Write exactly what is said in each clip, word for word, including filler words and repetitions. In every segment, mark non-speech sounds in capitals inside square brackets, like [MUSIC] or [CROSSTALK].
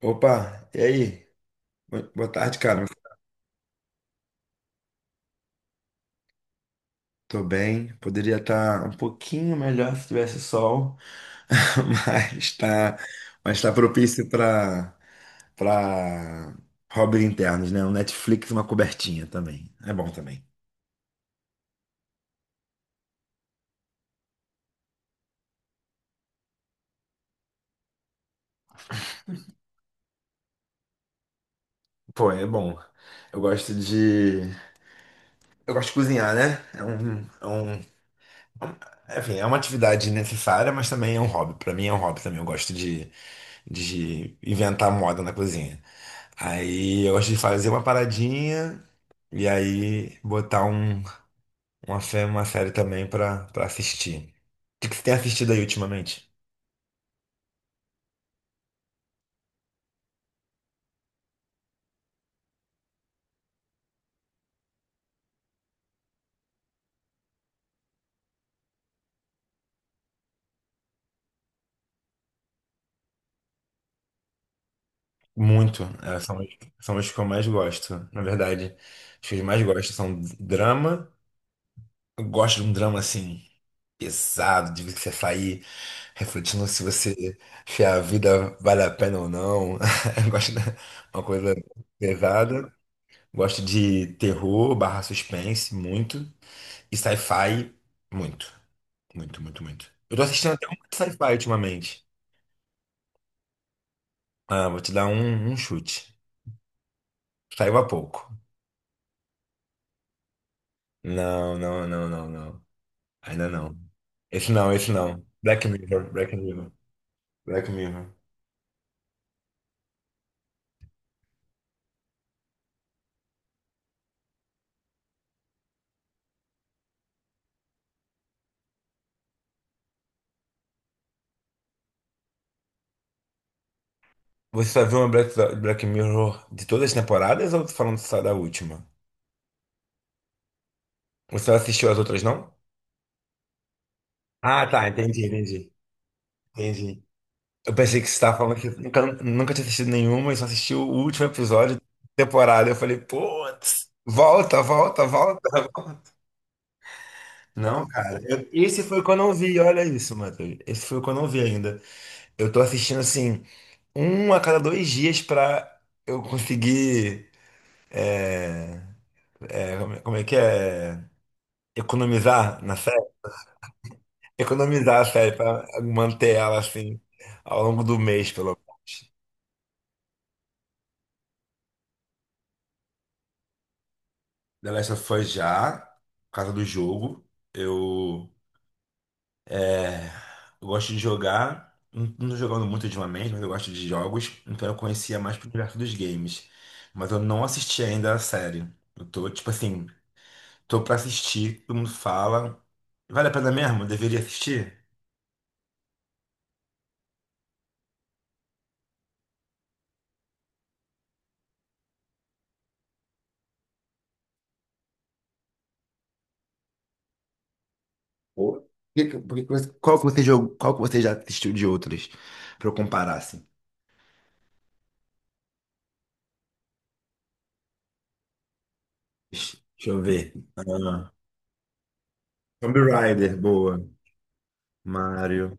Opa, e aí? Bo- Boa tarde, cara. Tô bem. Poderia estar um pouquinho melhor se tivesse sol, [LAUGHS] mas tá, mas tá propício para para hobbies internos, né? Um Netflix, e uma cobertinha também. É bom também. Pô, é bom. Eu gosto de eu gosto de cozinhar, né? É um, é um enfim, é uma atividade necessária, mas também é um hobby. Pra mim é um hobby também. Eu gosto de de inventar moda na cozinha. Aí eu gosto de fazer uma paradinha e aí botar um, uma, fé- uma série também pra, pra assistir. O que que você tem assistido aí ultimamente? Muito. É, são, os- são os que eu mais gosto, na verdade. Os que eu mais gosto são drama. Eu gosto de um drama assim, pesado, de você sair refletindo se você, se a vida vale a pena ou não. [LAUGHS] Eu gosto de uma coisa pesada. Gosto de terror barra suspense, muito. E sci-fi, muito. Muito, muito, muito. Eu tô assistindo até um de sci-fi ultimamente. Ah, vou te dar um, um chute. Saiu há pouco. Não, não, não, não, não. Ainda não. Esse não, esse não. Black Mirror, Black Mirror, Black Mirror. Você só viu uma Black, Black Mirror de todas as temporadas ou falando só da última? Você não assistiu as outras, não? Ah, tá, entendi, entendi. Entendi. Eu pensei que você estava falando que nunca, nunca tinha assistido nenhuma e só assistiu o último episódio da temporada. Eu falei, putz, volta, volta, volta, volta. Não, cara, eu- esse foi quando eu não vi, olha isso, Matheus. Esse foi quando eu não vi ainda. Eu tô assistindo, assim, um a cada dois dias pra eu conseguir. é, é, como, é como é que é? Economizar na série? Economizar a série pra manter ela, assim, ao longo do mês, pelo menos. The Last of Us já, por causa do jogo. Eu, é, eu gosto de jogar, não não tô jogando muito ultimamente, mas eu gosto de jogos, então eu conhecia mais pro universo dos games. Mas eu não assisti ainda a série. Eu tô, tipo assim, tô pra assistir, todo mundo fala. Vale a pena mesmo? Eu deveria assistir? Ou- que- que- porque que você- Qual que você jogou, qual que você já assistiu de outros? Pra eu comparar, assim. Deixa eu ver. Ah, Tomb Raider, boa. Mario.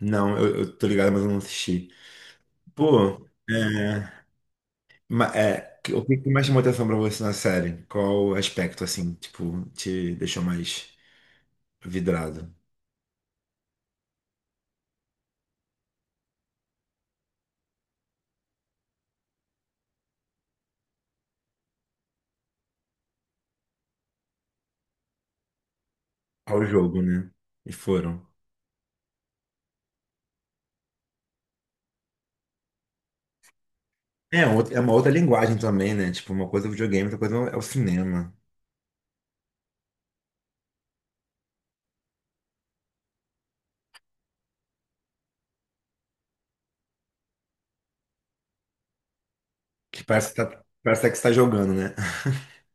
Não, eu, eu tô ligado, mas eu não assisti. Pô, é, ma- é, que- o que que mais chamou atenção pra você na série? Qual aspecto, assim, tipo, te deixou mais vidrado? Ao jogo, né? E foram. É, outra- é uma outra linguagem também, né? Tipo, uma coisa é o videogame, outra coisa é o cinema. Que parece que tá, parece que você tá jogando, né? [LAUGHS]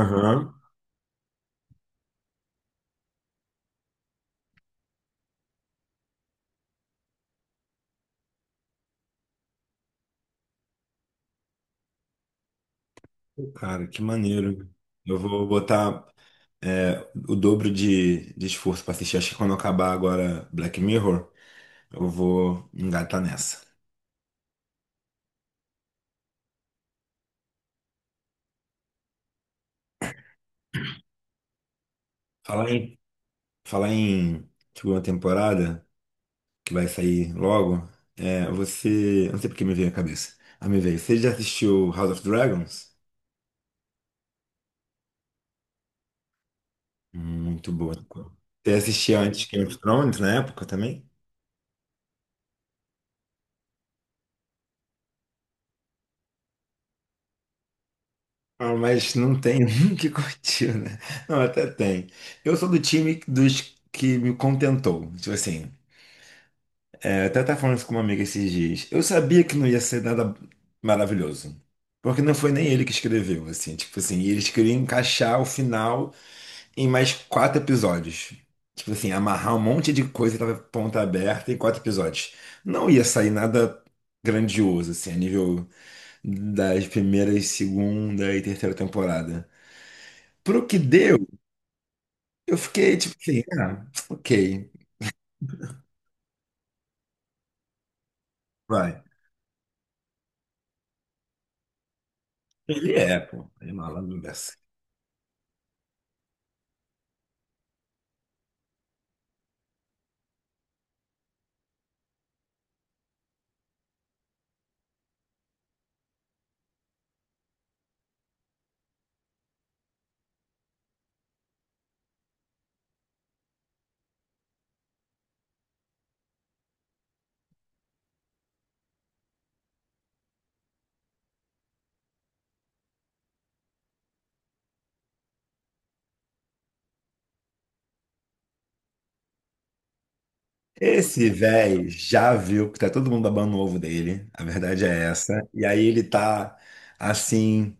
Aham. Pô, cara, que maneiro. Eu vou botar é, o dobro de, de esforço pra assistir. Acho que quando acabar agora Black Mirror. Eu vou engatar nessa. Falar em, falar em segunda temporada, que vai sair logo, é, você. Eu não sei porque me veio a cabeça. Ah, me veio. Você já assistiu House of Dragons? Muito boa. Você assistia antes Game of Thrones na época também? Ah, mas não tem [LAUGHS] um que curtiu, né? Não, até tem. Eu sou do time dos que me contentou. Tipo assim, eu até estava falando isso com uma amiga esses dias. Eu sabia que não ia ser nada maravilhoso. Porque não foi nem ele que escreveu, assim. Tipo assim, e eles queriam encaixar o final em mais quatro episódios. Tipo assim, amarrar um monte de coisa que tava ponta aberta em quatro episódios. Não ia sair nada grandioso, assim, a nível das primeiras, segunda e terceira temporada. Pro que deu, eu fiquei tipo assim, ah, ok, vai. Ele é, pô. Ele é malandro. Esse velho já viu que tá todo mundo babando o ovo dele. A verdade é essa. E aí ele tá assim,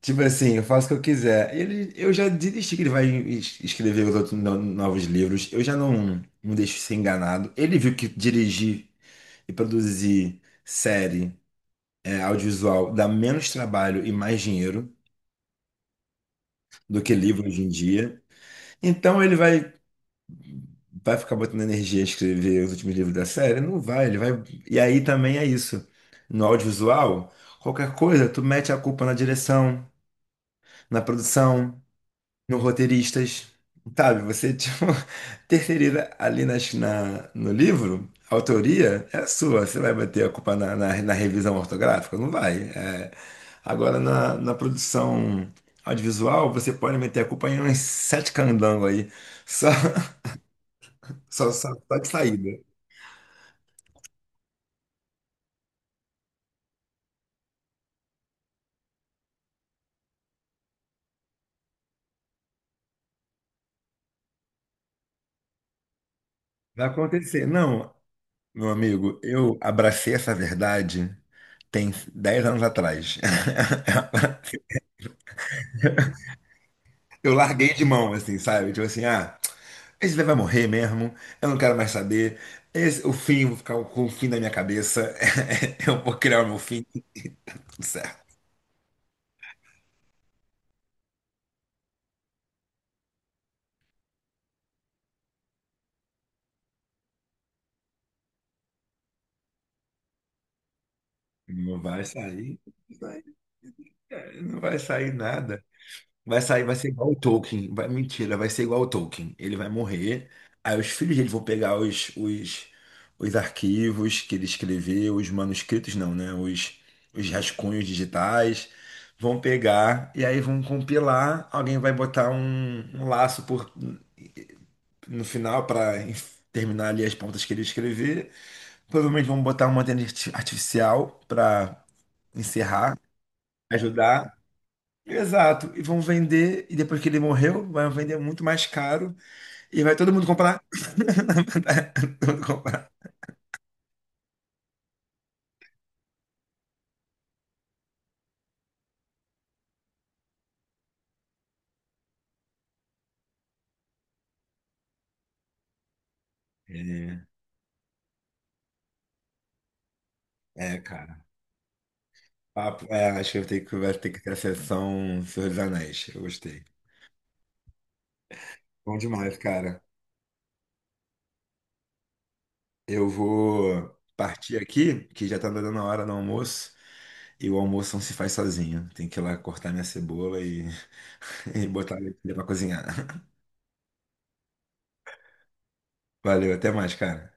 tipo assim, eu faço o que eu quiser. Ele, eu já desisti que ele vai es- escrever os outros no- novos livros. Eu já não não deixo ser enganado. Ele viu que dirigir e produzir série, é, audiovisual dá menos trabalho e mais dinheiro do que livro hoje em dia. Então ele vai Vai ficar botando energia a escrever os últimos livros da série? Não vai, ele vai. E aí também é isso. No audiovisual, qualquer coisa, tu mete a culpa na direção, na produção, no roteiristas. Sabe? Você, [LAUGHS] tipo, terceiriza ali nas, na, no livro, a autoria é sua. Você vai bater a culpa na, na, na revisão ortográfica? Não vai. É. Agora, na, na produção audiovisual, você pode meter a culpa em uns sete candangos aí. Só, [LAUGHS] só, só, só de saída. Vai acontecer. Não, meu amigo, eu abracei essa verdade tem dez anos atrás. [LAUGHS] Eu larguei de mão, assim, sabe? Tipo assim, ah, esse daí vai morrer mesmo, eu não quero mais saber. Esse, o fim, vou ficar com o fim da minha cabeça. [LAUGHS] Eu vou criar o meu fim, tudo certo. Não vai sair, não vai não vai sair nada. Vai sair, vai ser igual o Tolkien. Vai, mentira, vai ser igual o Tolkien. Ele vai morrer. Aí os filhos dele vão pegar os, os, os arquivos que ele escreveu, os manuscritos não, né? Os, os rascunhos digitais. Vão pegar e aí vão compilar. Alguém vai botar um, um laço por, no final para terminar ali as pontas que ele escrever. Provavelmente vão botar uma inteligência artificial para encerrar, ajudar. Exato. E vão vender, e depois que ele morreu, vai vender muito mais caro e vai todo mundo comprar. [LAUGHS] Todo mundo comprar. É, é, cara. Papo- é, acho que eu tenho que, vai ter que ter a sessão Senhor dos Anéis. Eu gostei. Bom demais, cara. Eu vou partir aqui, que já tá dando a hora do almoço. E o almoço não se faz sozinho. Tem que ir lá cortar minha cebola e, [LAUGHS] e botar ele pra cozinhar. [LAUGHS] Valeu, até mais, cara.